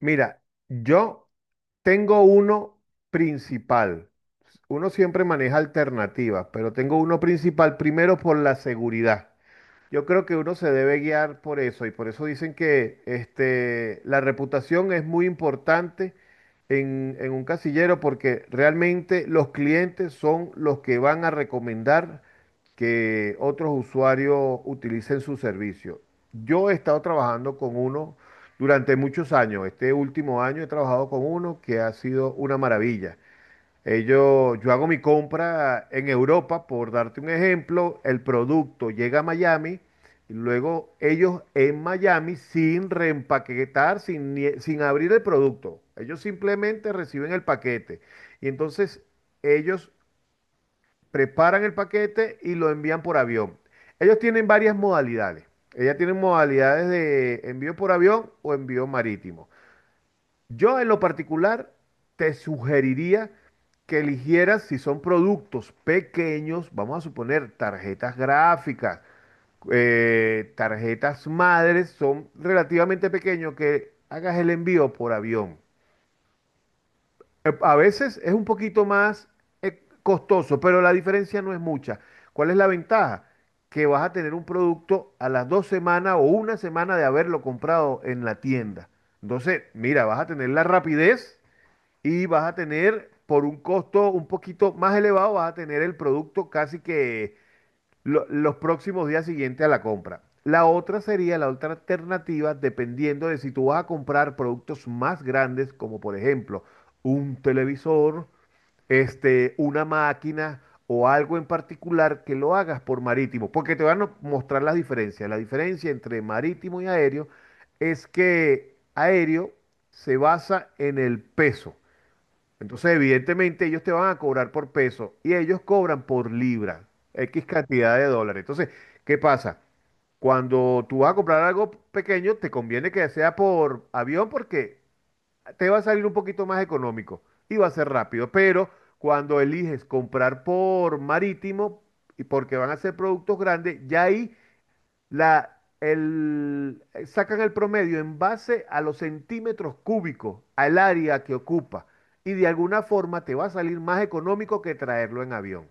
Mira, yo tengo uno principal. Uno siempre maneja alternativas, pero tengo uno principal primero por la seguridad. Yo creo que uno se debe guiar por eso y por eso dicen que la reputación es muy importante en un casillero porque realmente los clientes son los que van a recomendar que otros usuarios utilicen su servicio. Yo he estado trabajando con uno durante muchos años. Este último año he trabajado con uno que ha sido una maravilla. Ellos, yo hago mi compra en Europa, por darte un ejemplo, el producto llega a Miami y luego ellos en Miami sin reempaquetar, sin abrir el producto. Ellos simplemente reciben el paquete y entonces ellos preparan el paquete y lo envían por avión. Ellos tienen varias modalidades. Ellas tienen modalidades de envío por avión o envío marítimo. Yo en lo particular te sugeriría que eligieras si son productos pequeños, vamos a suponer tarjetas gráficas, tarjetas madres, son relativamente pequeños, que hagas el envío por avión. A veces es un poquito más costoso, pero la diferencia no es mucha. ¿Cuál es la ventaja? Que vas a tener un producto a las 2 semanas o una semana de haberlo comprado en la tienda. Entonces, mira, vas a tener la rapidez y vas a tener por un costo un poquito más elevado, vas a tener el producto casi que los próximos días siguientes a la compra. La otra sería la otra alternativa, dependiendo de si tú vas a comprar productos más grandes, como por ejemplo un televisor, una máquina o algo en particular que lo hagas por marítimo, porque te van a mostrar las diferencias. La diferencia entre marítimo y aéreo es que aéreo se basa en el peso. Entonces, evidentemente, ellos te van a cobrar por peso y ellos cobran por libra, X cantidad de dólares. Entonces, ¿qué pasa? Cuando tú vas a comprar algo pequeño, te conviene que sea por avión porque te va a salir un poquito más económico y va a ser rápido. Pero cuando eliges comprar por marítimo y porque van a ser productos grandes, ya ahí sacan el promedio en base a los centímetros cúbicos, al área que ocupa, y de alguna forma te va a salir más económico que traerlo en avión.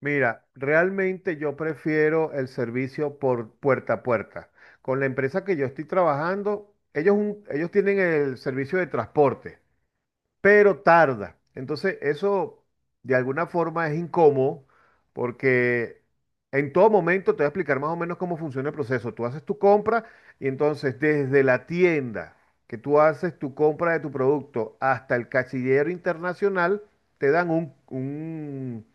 Mira, realmente yo prefiero el servicio por puerta a puerta. Con la empresa que yo estoy trabajando, ellos tienen el servicio de transporte, pero tarda. Entonces, eso de alguna forma es incómodo porque en todo momento te voy a explicar más o menos cómo funciona el proceso. Tú haces tu compra y entonces desde la tienda que tú haces tu compra de tu producto hasta el cachillero internacional, te dan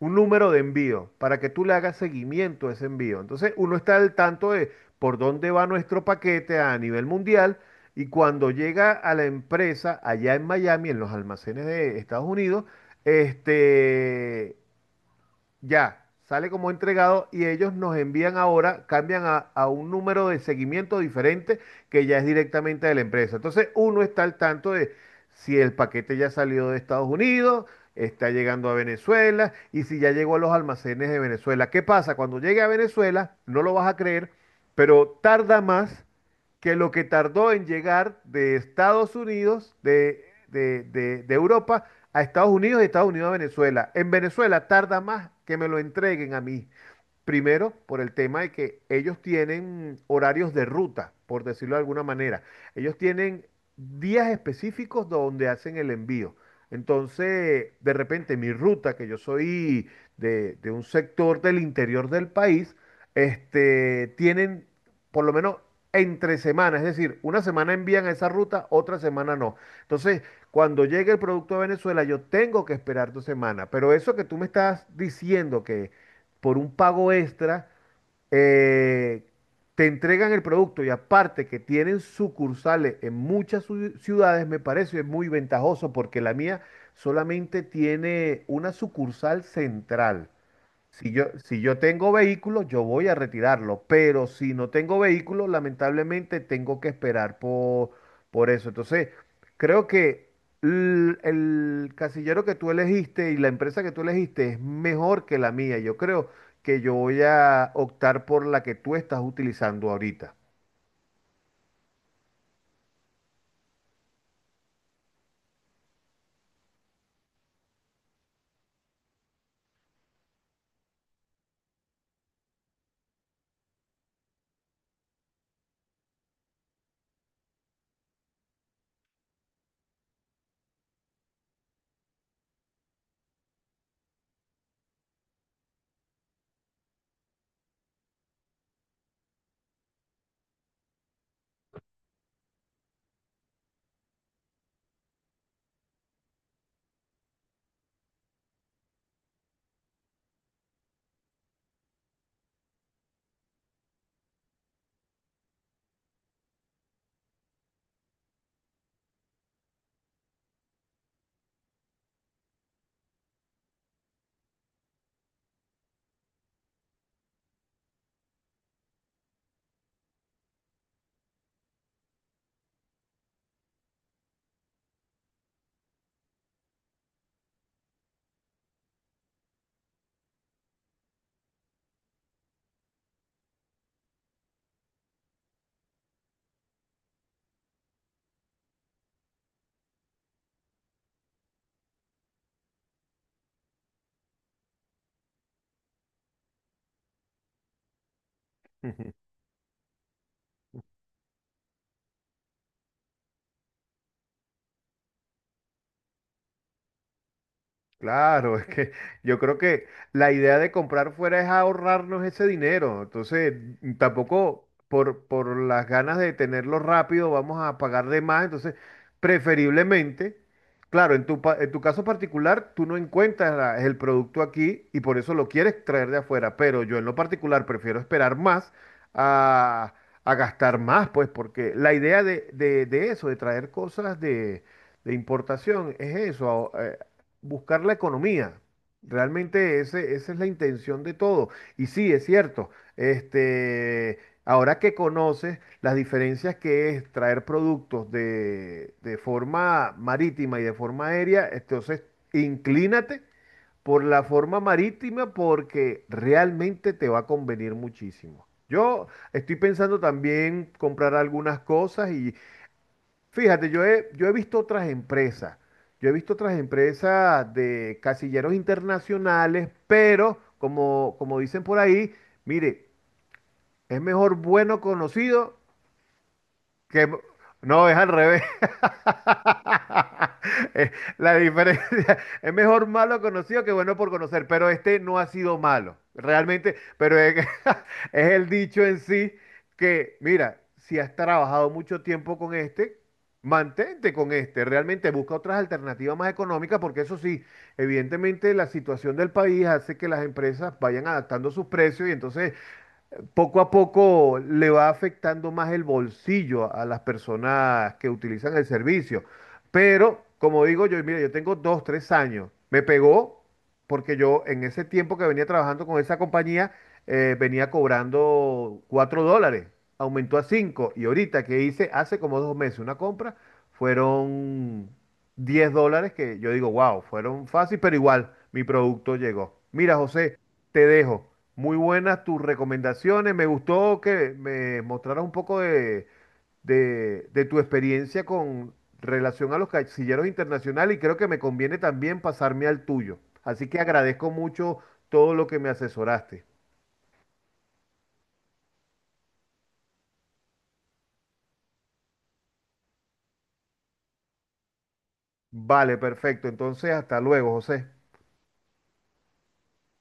un número de envío para que tú le hagas seguimiento a ese envío. Entonces uno está al tanto de por dónde va nuestro paquete a nivel mundial, y cuando llega a la empresa allá en Miami, en los almacenes de Estados Unidos, este, ya sale como entregado y ellos nos envían ahora, cambian a un número de seguimiento diferente que ya es directamente de la empresa. Entonces uno está al tanto de si el paquete ya salió de Estados Unidos, está llegando a Venezuela y si ya llegó a los almacenes de Venezuela. ¿Qué pasa? Cuando llegue a Venezuela, no lo vas a creer, pero tarda más que lo que tardó en llegar de Estados Unidos, de Europa a Estados Unidos y Estados Unidos a Venezuela. En Venezuela tarda más que me lo entreguen a mí. Primero, por el tema de que ellos tienen horarios de ruta, por decirlo de alguna manera. Ellos tienen días específicos donde hacen el envío. Entonces, de repente, mi ruta, que yo soy de un sector del interior del país, tienen por lo menos entre semanas, es decir, una semana envían a esa ruta, otra semana no. Entonces, cuando llegue el producto a Venezuela, yo tengo que esperar 2 semanas. Pero eso que tú me estás diciendo que por un pago extra, eh, te entregan el producto y aparte que tienen sucursales en muchas ciudades, me parece muy ventajoso porque la mía solamente tiene una sucursal central. Si yo tengo vehículo, yo voy a retirarlo, pero si no tengo vehículo, lamentablemente tengo que esperar por eso. Entonces, creo que el casillero que tú elegiste y la empresa que tú elegiste es mejor que la mía. Yo creo que yo voy a optar por la que tú estás utilizando ahorita. Claro, es que yo creo que la idea de comprar fuera es ahorrarnos ese dinero. Entonces, tampoco por las ganas de tenerlo rápido vamos a pagar de más. Entonces, preferiblemente, claro, en en tu caso particular, tú no encuentras el producto aquí y por eso lo quieres traer de afuera. Pero yo en lo particular prefiero esperar más a, a gastar más, pues, porque la idea de eso, de traer cosas de importación es eso, buscar la economía. Realmente esa es la intención de todo. Y sí, es cierto, este, ahora que conoces las diferencias que es traer productos de forma marítima y de forma aérea, entonces inclínate por la forma marítima porque realmente te va a convenir muchísimo. Yo estoy pensando también comprar algunas cosas y fíjate, yo he visto otras empresas, yo he visto otras empresas de casilleros internacionales, pero como dicen por ahí, mire, es mejor bueno conocido que... No, es al revés. Eh, La diferencia es mejor malo conocido que bueno por conocer, pero este no ha sido malo, realmente, pero es, que es el dicho en sí que, mira, si has trabajado mucho tiempo con este, mantente con este, realmente busca otras alternativas más económicas, porque eso sí, evidentemente la situación del país hace que las empresas vayan adaptando sus precios y entonces poco a poco le va afectando más el bolsillo a las personas que utilizan el servicio. Pero, como digo yo, mira, yo tengo dos, tres años. Me pegó porque yo en ese tiempo que venía trabajando con esa compañía, venía cobrando $4. Aumentó a 5. Y ahorita que hice hace como 2 meses una compra, fueron $10 que yo digo, wow, fueron fácil, pero igual mi producto llegó. Mira, José. Te dejo. Muy buenas tus recomendaciones. Me gustó que me mostraras un poco de, de tu experiencia con relación a los casilleros internacionales y creo que me conviene también pasarme al tuyo. Así que agradezco mucho todo lo que me asesoraste. Vale, perfecto. Entonces, hasta luego, José.